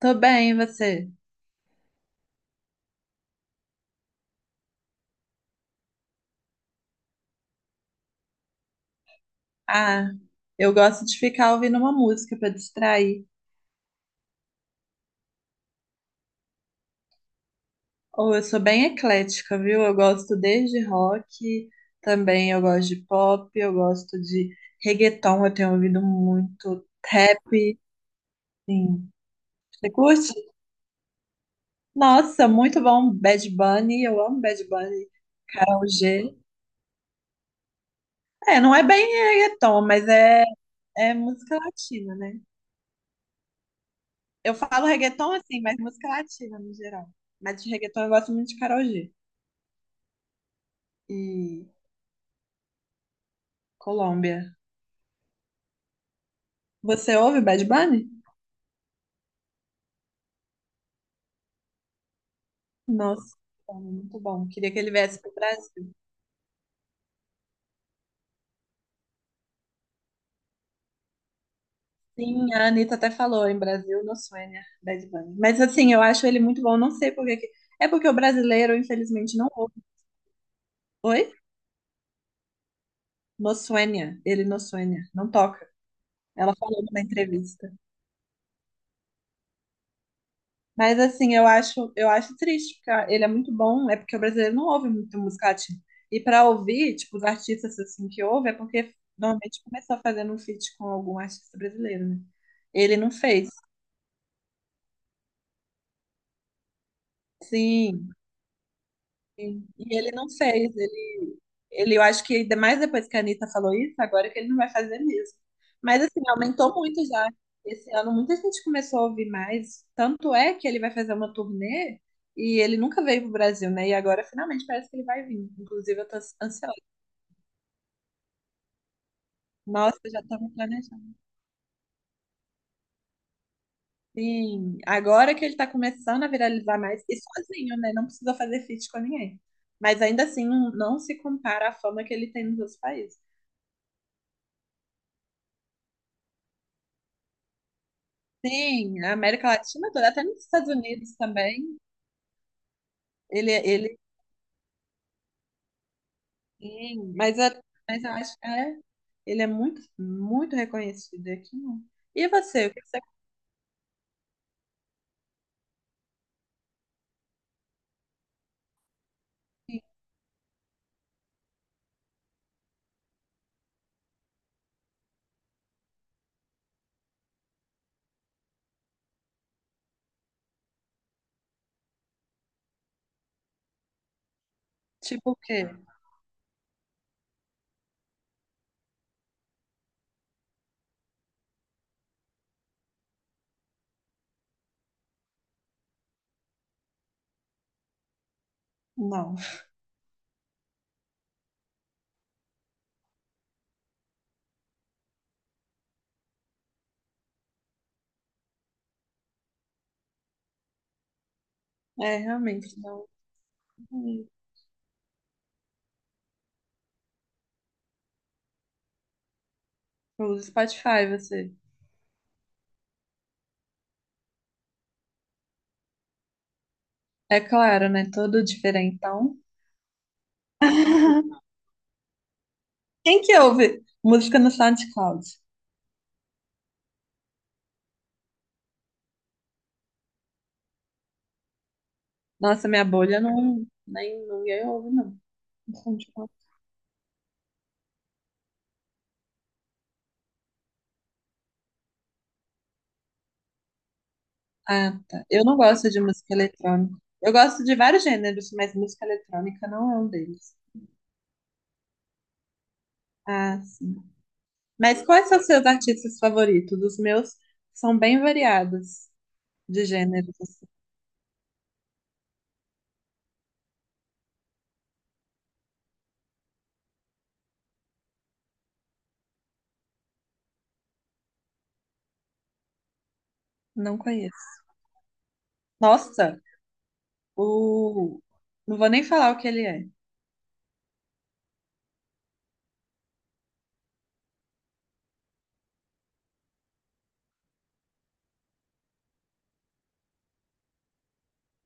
Tô bem, e você? Ah, eu gosto de ficar ouvindo uma música pra distrair. Ou eu sou bem eclética, viu? Eu gosto desde rock, também eu gosto de pop, eu gosto de reggaeton, eu tenho ouvido muito rap, sim. Você curte? Nossa, muito bom, Bad Bunny, eu amo Bad Bunny, Karol G. É, não é bem reggaeton, mas é música latina, né? Eu falo reggaeton assim, mas música latina no geral. Mas de reggaeton eu gosto muito de Karol G. e Colômbia. Você ouve Bad Bunny? Nossa, muito bom. Queria que ele viesse pro Brasil. Sim, a Anitta até falou em Brasil, no Suênia, Bad Bunny. Mas assim, eu acho ele muito bom. Não sei por que. É porque o brasileiro, infelizmente, não ouve. Oi? No Suênia. Ele no Suênia. Não toca. Ela falou numa entrevista. Mas assim, eu acho triste, porque ah, ele é muito bom, é porque o brasileiro não ouve muito música latina. E para ouvir, tipo, os artistas assim que ouve, é porque normalmente começou fazendo um feat com algum artista brasileiro, né? Ele não fez. Sim. Sim. E ele não fez, ele, eu acho que ainda mais depois que a Anitta falou isso, agora que ele não vai fazer mesmo. Mas assim, aumentou muito já. Esse ano muita gente começou a ouvir mais. Tanto é que ele vai fazer uma turnê e ele nunca veio pro Brasil, né? E agora finalmente parece que ele vai vir. Inclusive, eu tô ansiosa. Nossa, já estamos planejando. Sim, agora que ele tá começando a viralizar mais, e sozinho, né? Não precisou fazer feat com ninguém. Mas ainda assim, não se compara à fama que ele tem nos outros países. Sim, na América Latina toda, até nos Estados Unidos também. Ele sim, mas, é, mas eu acho que é, ele é muito, muito reconhecido aqui, não. E você, o que você tem? Tipo o quê? Não. É, realmente, não. Pelo Spotify, você. É claro, né? Todo diferentão. Quem que ouve música no SoundCloud? Nossa, minha bolha não, nem ninguém ouve, não. Ah, tá. Eu não gosto de música eletrônica. Eu gosto de vários gêneros, mas música eletrônica não é um deles. Ah, sim. Mas quais são seus artistas favoritos? Os meus são bem variados de gêneros, assim. Não conheço. Nossa, o... não vou nem falar o que ele é.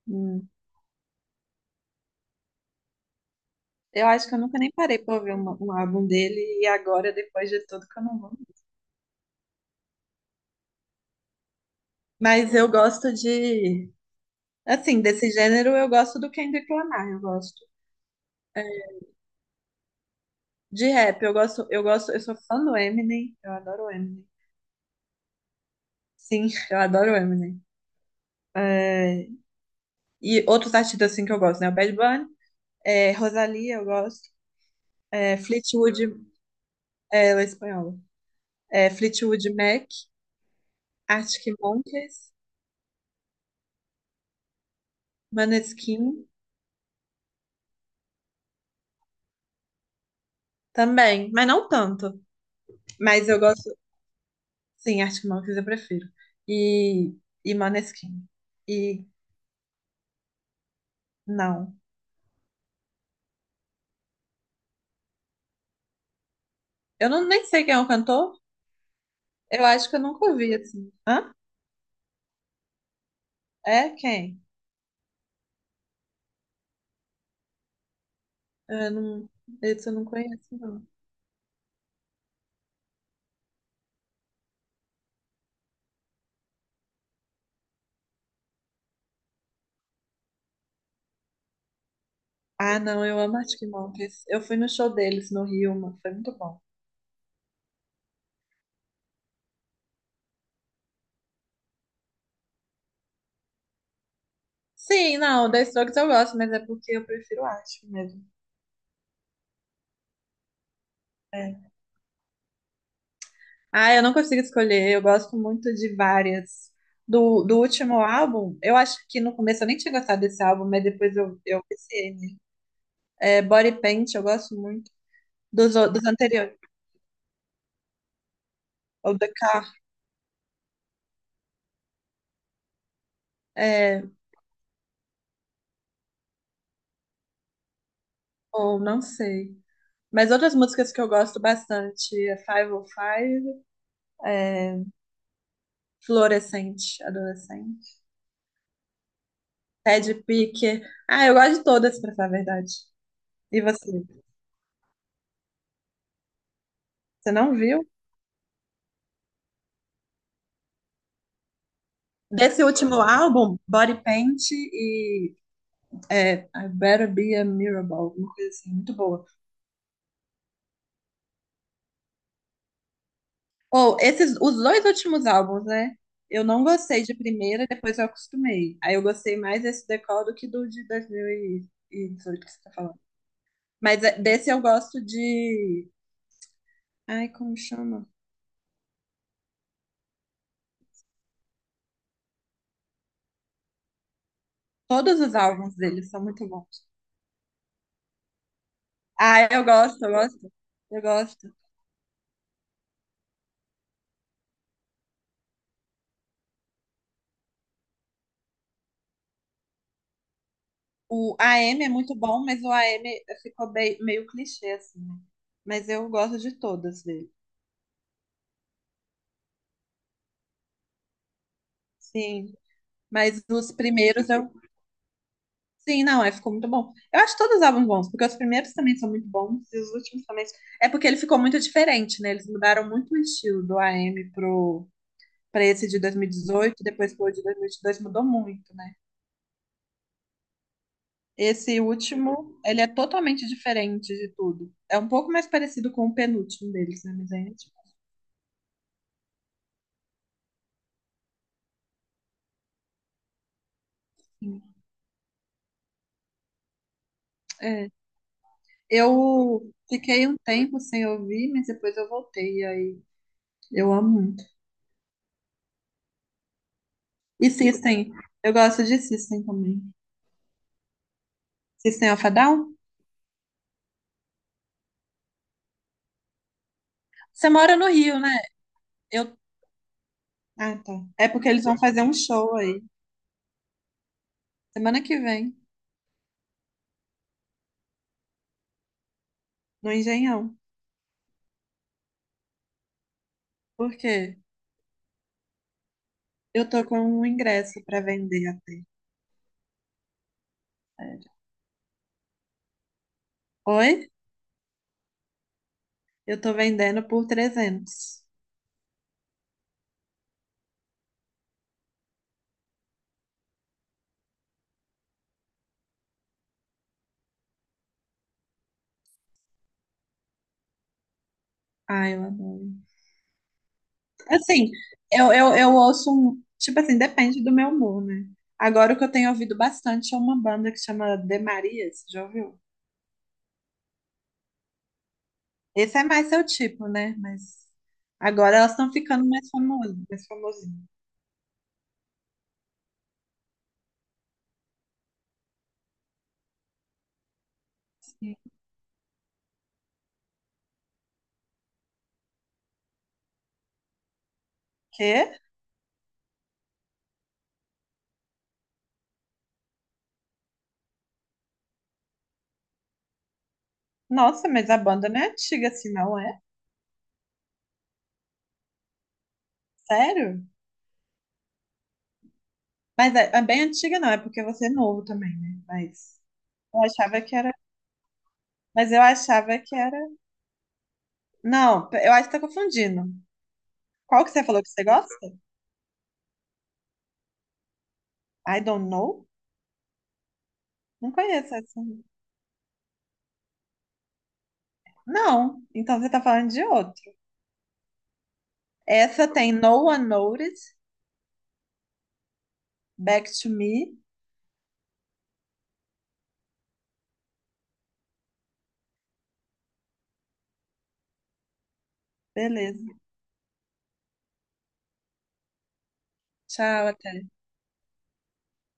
Hum. Eu acho que eu nunca nem parei pra ouvir um álbum dele e agora, depois de tudo, que eu não vou. Mas eu gosto de. Assim, desse gênero, eu gosto do Kendrick Lamar, eu gosto. É, de rap, eu gosto, eu sou fã do Eminem, eu adoro o Eminem. Sim, eu adoro o Eminem. É, e outros artistas assim que eu gosto, né? O Bad Bunny, é, Rosalía, eu gosto. É, Fleetwood, é, ela é espanhola. É, Fleetwood Mac, Arctic Monkeys, Maneskin também, mas não tanto. Mas eu gosto, sim, Arctic Monkeys eu prefiro. E, e Maneskin. E não. Eu não nem sei quem é o cantor. Eu acho que eu nunca ouvi assim. Hã? É quem? É, não, esse eu não conheço, não. Ah, não, eu amo Arctic Monkeys. Eu fui no show deles no Rio, mano, foi muito bom. Sim, não, The Strokes eu gosto, mas é porque eu prefiro Arctic mesmo. É. Ah, eu não consigo escolher, eu gosto muito de várias. Do último álbum, eu acho que no começo eu nem tinha gostado desse álbum, mas depois eu viciei nele. É, Body Paint, eu gosto muito. Dos anteriores, ou The Car, é, ou não sei. Mas outras músicas que eu gosto bastante é Five oh five, é, Fluorescente, adolescente. Ted Picker. Ah, eu gosto de todas, pra falar a verdade. E você? Você não viu? Desse último álbum, Body Paint e I Better Be a Miracle, alguma coisa assim, muito boa. Ou esses, os dois últimos álbuns, né? Eu não gostei de primeira, depois eu acostumei. Aí eu gostei mais desse Decol do que do de 2018 que você tá falando. Mas é, desse eu gosto de. Ai, como chama? Todos os álbuns dele são muito bons. Ah, eu gosto, eu gosto, eu gosto. O AM é muito bom, mas o AM ficou bem, meio clichê, assim, né? Mas eu gosto de todas dele. Sim, mas os primeiros eu. Sim, não, é, ficou muito bom. Eu acho todos os álbuns bons, porque os primeiros também são muito bons e os últimos também. É porque ele ficou muito diferente, né? Eles mudaram muito o estilo do AM pro, pra esse de 2018, depois pro de 2022, mudou muito, né? Esse último, ele é totalmente diferente de tudo. É um pouco mais parecido com o penúltimo deles, né? Mas aí, tipo assim, é. Eu fiquei um tempo sem ouvir, mas depois eu voltei. E aí eu amo muito. E System, eu gosto de System também. System of a Down? Você mora no Rio, né? Eu... Ah, tá. É porque eles vão fazer um show aí, semana que vem, no Engenhão. Por quê? Eu tô com um ingresso pra vender até. Sério. Oi? Eu tô vendendo por 300. Ai, eu adoro. Assim, eu ouço um. Tipo assim, depende do meu humor, né? Agora o que eu tenho ouvido bastante é uma banda que chama The Marias, já ouviu? Esse é mais seu tipo, né? Mas agora elas estão ficando mais famosas, mais famosinhas. Sim. Quê? Nossa, mas a banda não é antiga assim, não é? Sério? Mas é bem antiga, não, é porque você é novo também, né? Mas eu achava que era. Mas eu achava que era. Não, eu acho que tá confundindo. Qual que você falou que você gosta? I don't know? Não conheço essa. Não, então você tá falando de outro. Essa tem No One Noticed, Back to Me. Beleza. Tchau, até.